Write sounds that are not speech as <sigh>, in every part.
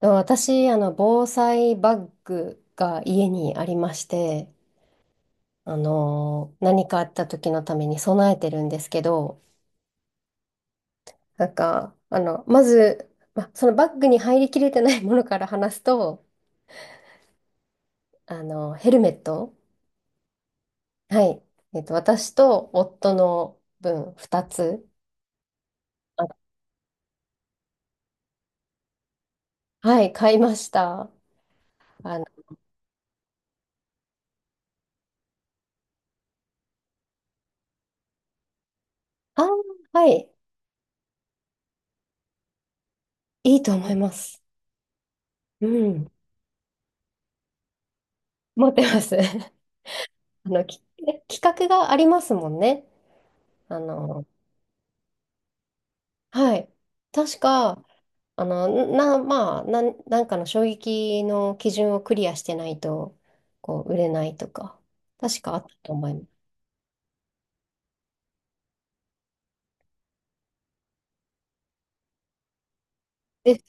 と私、防災バッグが家にありまして、何かあった時のために備えてるんですけど、まず、そのバッグに入りきれてないものから話すと、ヘルメット、はい、私と夫の分2つ、あはい、買いました。あの、あー、はい、いいと思います。うん、持ってます。<laughs> あの、き、<laughs> 企画がありますもんね。あの、はい。確か、あの、な、まあ、なん、なんかの衝撃の基準をクリアしてないと、こう、売れないとか、確かあったと思います。で、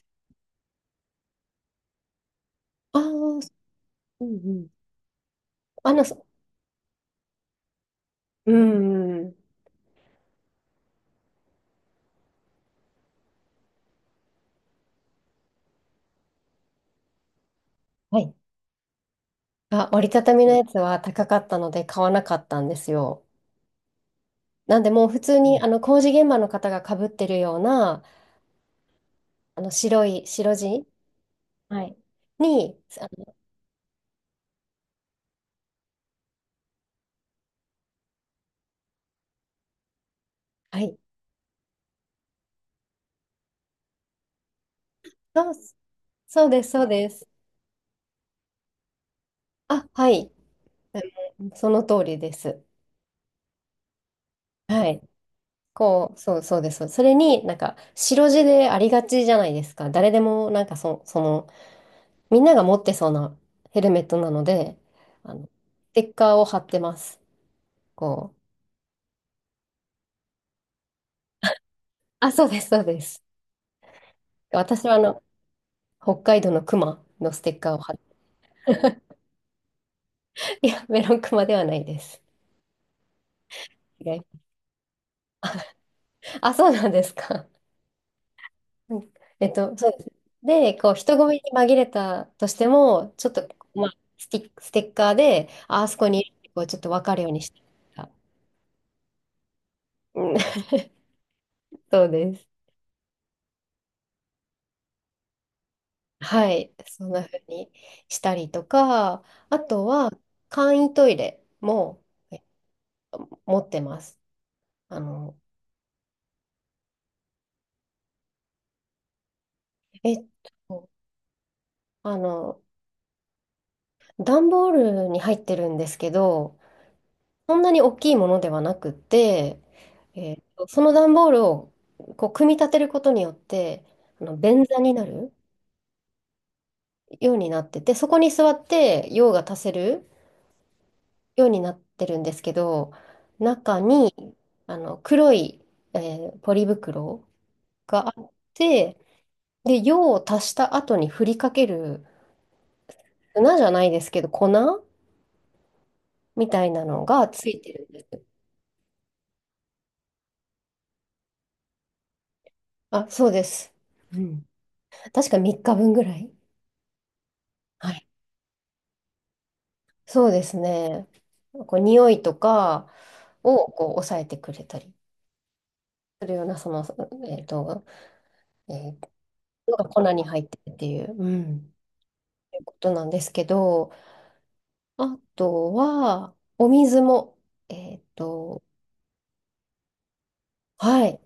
ああ、うんうん。あの、そうん、うん。はい。あ、折りたたみのやつは高かったので買わなかったんですよ。なんで、もう普通に、工事現場の方が被ってるような、白い、白地、はい。に、あの、はい。そう、そうです、そうです。あ、はい。うん、その通りです。はい。こう、そうそうです。そうです、それになんか白地でありがちじゃないですか。誰でもなんかそ、その、みんなが持ってそうなヘルメットなので、あの、ステッカーを貼ってます。こう。あ、そうです、そうです。私は北海道のクマのステッカーを貼って、いや、メロンクマではないです。違いあ、そうなんですか。うん、そうです。で、こう、人混みに紛れたとしても、ちょっと、まあ、ステッカーで、ああそこに、こう、ちょっと分かるようにして。うん <laughs> そうです。はい。そんな風にしたりとか、あとは簡易トイレもえ持ってます。あの、えっと、あの、段ボールに入ってるんですけど、そんなに大きいものではなくて、えっと、その段ボールをこう組み立てることによって、あの便座になるようになってて、そこに座って用が足せるようになってるんですけど、中にあの黒い、えポリ袋があって、で、用を足した後に振りかける粉じゃないですけど、粉みたいなのがついてる。あ、そうです。うん。確か3日分ぐらい。はい。そうですね。こう匂いとかをこう抑えてくれたりするような、えっと、えーのが粉に入ってるっていう、うん、いうことなんですけど、あとは、お水も、えっと、はい、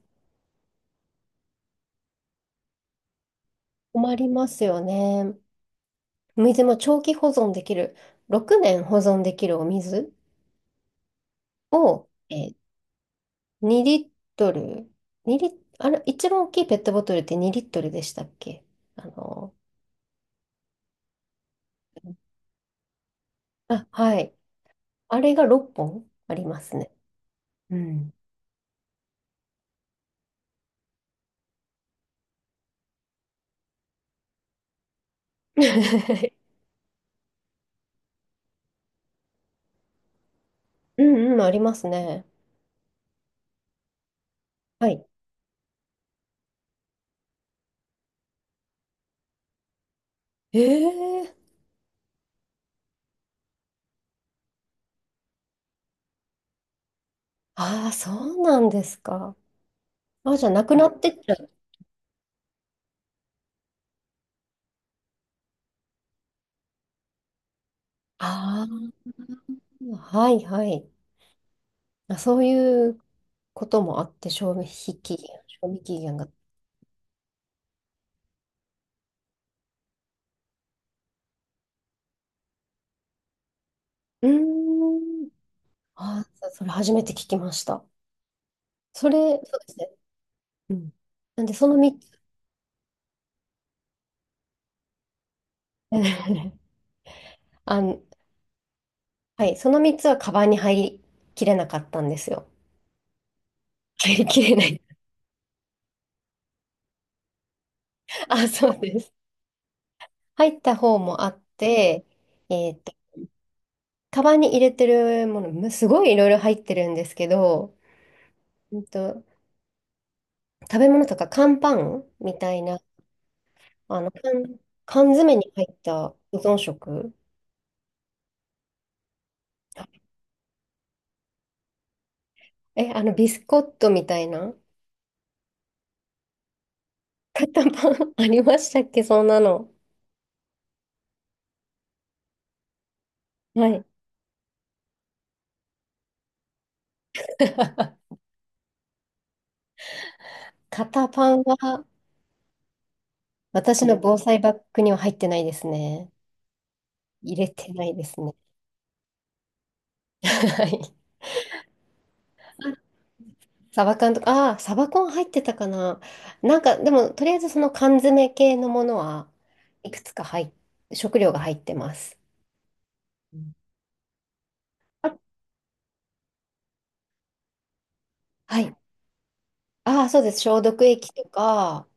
困りますよね。お水も長期保存できる、6年保存できるお水を、2リットル、2リ、あれ、一番大きいペットボトルって2リットルでしたっけ？あの、あ、はい。あれが6本ありますね。うん。<laughs> うんうん、ありますね。はい。ええ、ああ、そうなんですか。あ、じゃあ、なくなってっちゃう。ああ、はいはい。あ、そういうこともあって、賞味期限、賞味期限が。うーん。ああ、それ初めて聞きました。そうですね。うん。なんで、その3つ、<laughs> あのはい、その3つはカバンに入りきれなかったんですよ。<laughs> 入りきれない。<laughs> あ、そうです。入った方もあって、えーっと、カバンに入れてるもの、すごいいろいろ入ってるんですけど、うんと、食べ物とか乾パンみたいな、あの、缶、缶詰に入った保存食。え、あの、ビスコットみたいな型パン <laughs> ありましたっけ、そんなの。はい。型パンは、私の防災バッグには入ってないですね。入れてないですね。<laughs> はい。サバ缶とか、ああ、サバ缶入ってたかな。なんか、でも、とりあえずその缶詰系のものはいくつか入っ、食料が入ってます。うん、あ、はい。ああ、そうです。消毒液とか、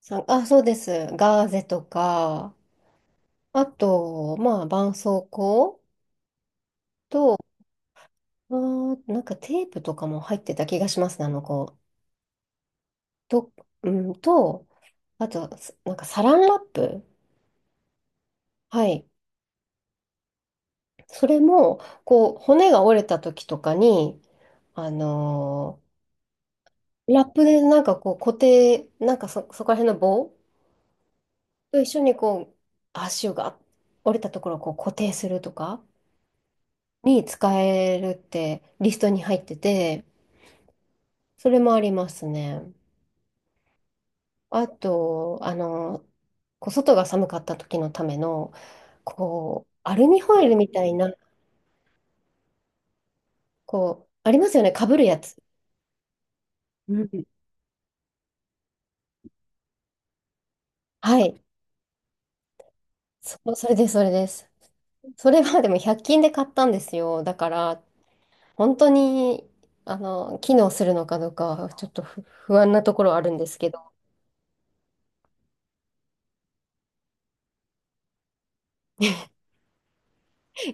そうです。ガーゼとか、あと、まあ、絆創膏と、あー、なんかテープとかも入ってた気がしますね、あの子。と、うん、と、あと、なんかサランラップ。はい。それも、こう、骨が折れた時とかに、あのラップでなんかこう固定、そこら辺の棒と一緒にこう、足が折れたところをこう固定するとか。に使えるってリストに入ってて、それもありますね。あと、こう外が寒かった時のための、こう、アルミホイルみたいな、こう、ありますよね、かぶるやつ。うん。はい。それです、それです。それはでも100均で買ったんですよ。だから、本当に、機能するのかどうかは、ちょっと不安なところあるんですけど、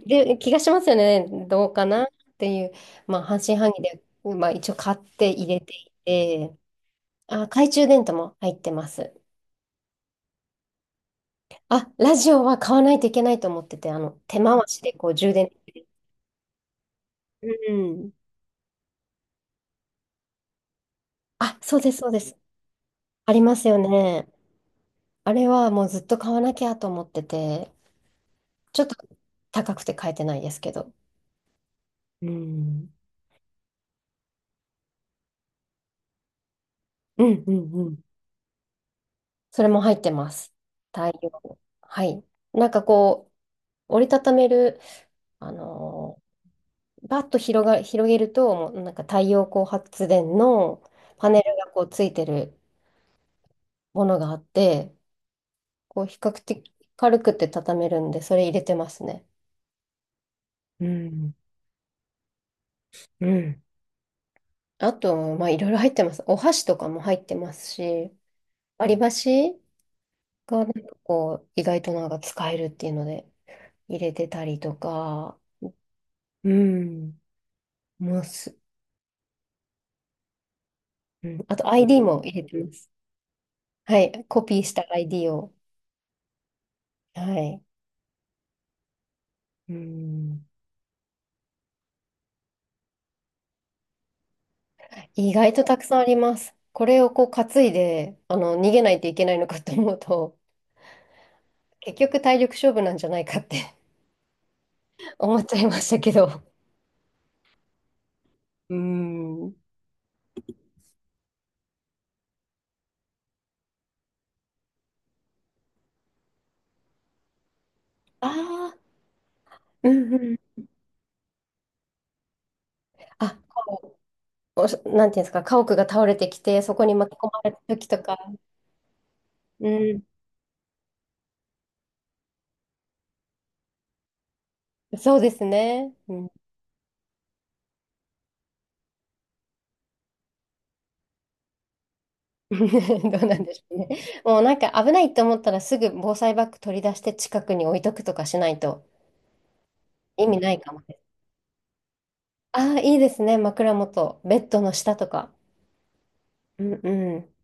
気がしますよね。どうかなっていう、まあ、半信半疑で、まあ、一応買って入れていて、あ、懐中電灯も入ってます。あ、ラジオは買わないといけないと思ってて、手回しでこう充電。うん。あ、そうです、そうです。ありますよね。あれはもうずっと買わなきゃと思ってて、ちょっと高くて買えてないですけど。うん。うん、うん、うん。それも入ってます。対応。はい。なんかこう、折りたためる、あのーバッと広が、広げると、もうなんか太陽光発電のパネルがこうついてるものがあって、こう比較的軽くて畳めるんで、それ入れてますね。うん、うん。あと、まあいろいろ入ってます。お箸とかも入ってますし、割り箸がなんかこう、意外となんか使えるっていうので入れてたりとか、うん、ます。うん、あと ID も入れてます。はい。コピーした ID を。はい。うん。意外とたくさんあります。これをこう担いで、逃げないといけないのかと思うと、結局体力勝負なんじゃないかって <laughs> 思っちゃいましたけど。うーん。ああ、うんうん。あ、こうおしなんていうんですか、家屋が倒れてきて、そこに巻き込まれた時とか。うん。そうですね。うん。<laughs> どうなんでしょうね。もうなんか危ないと思ったらすぐ防災バッグ取り出して近くに置いとくとかしないと意味ないかもです。ああ、いいですね。枕元、ベッドの下とか。うんうん。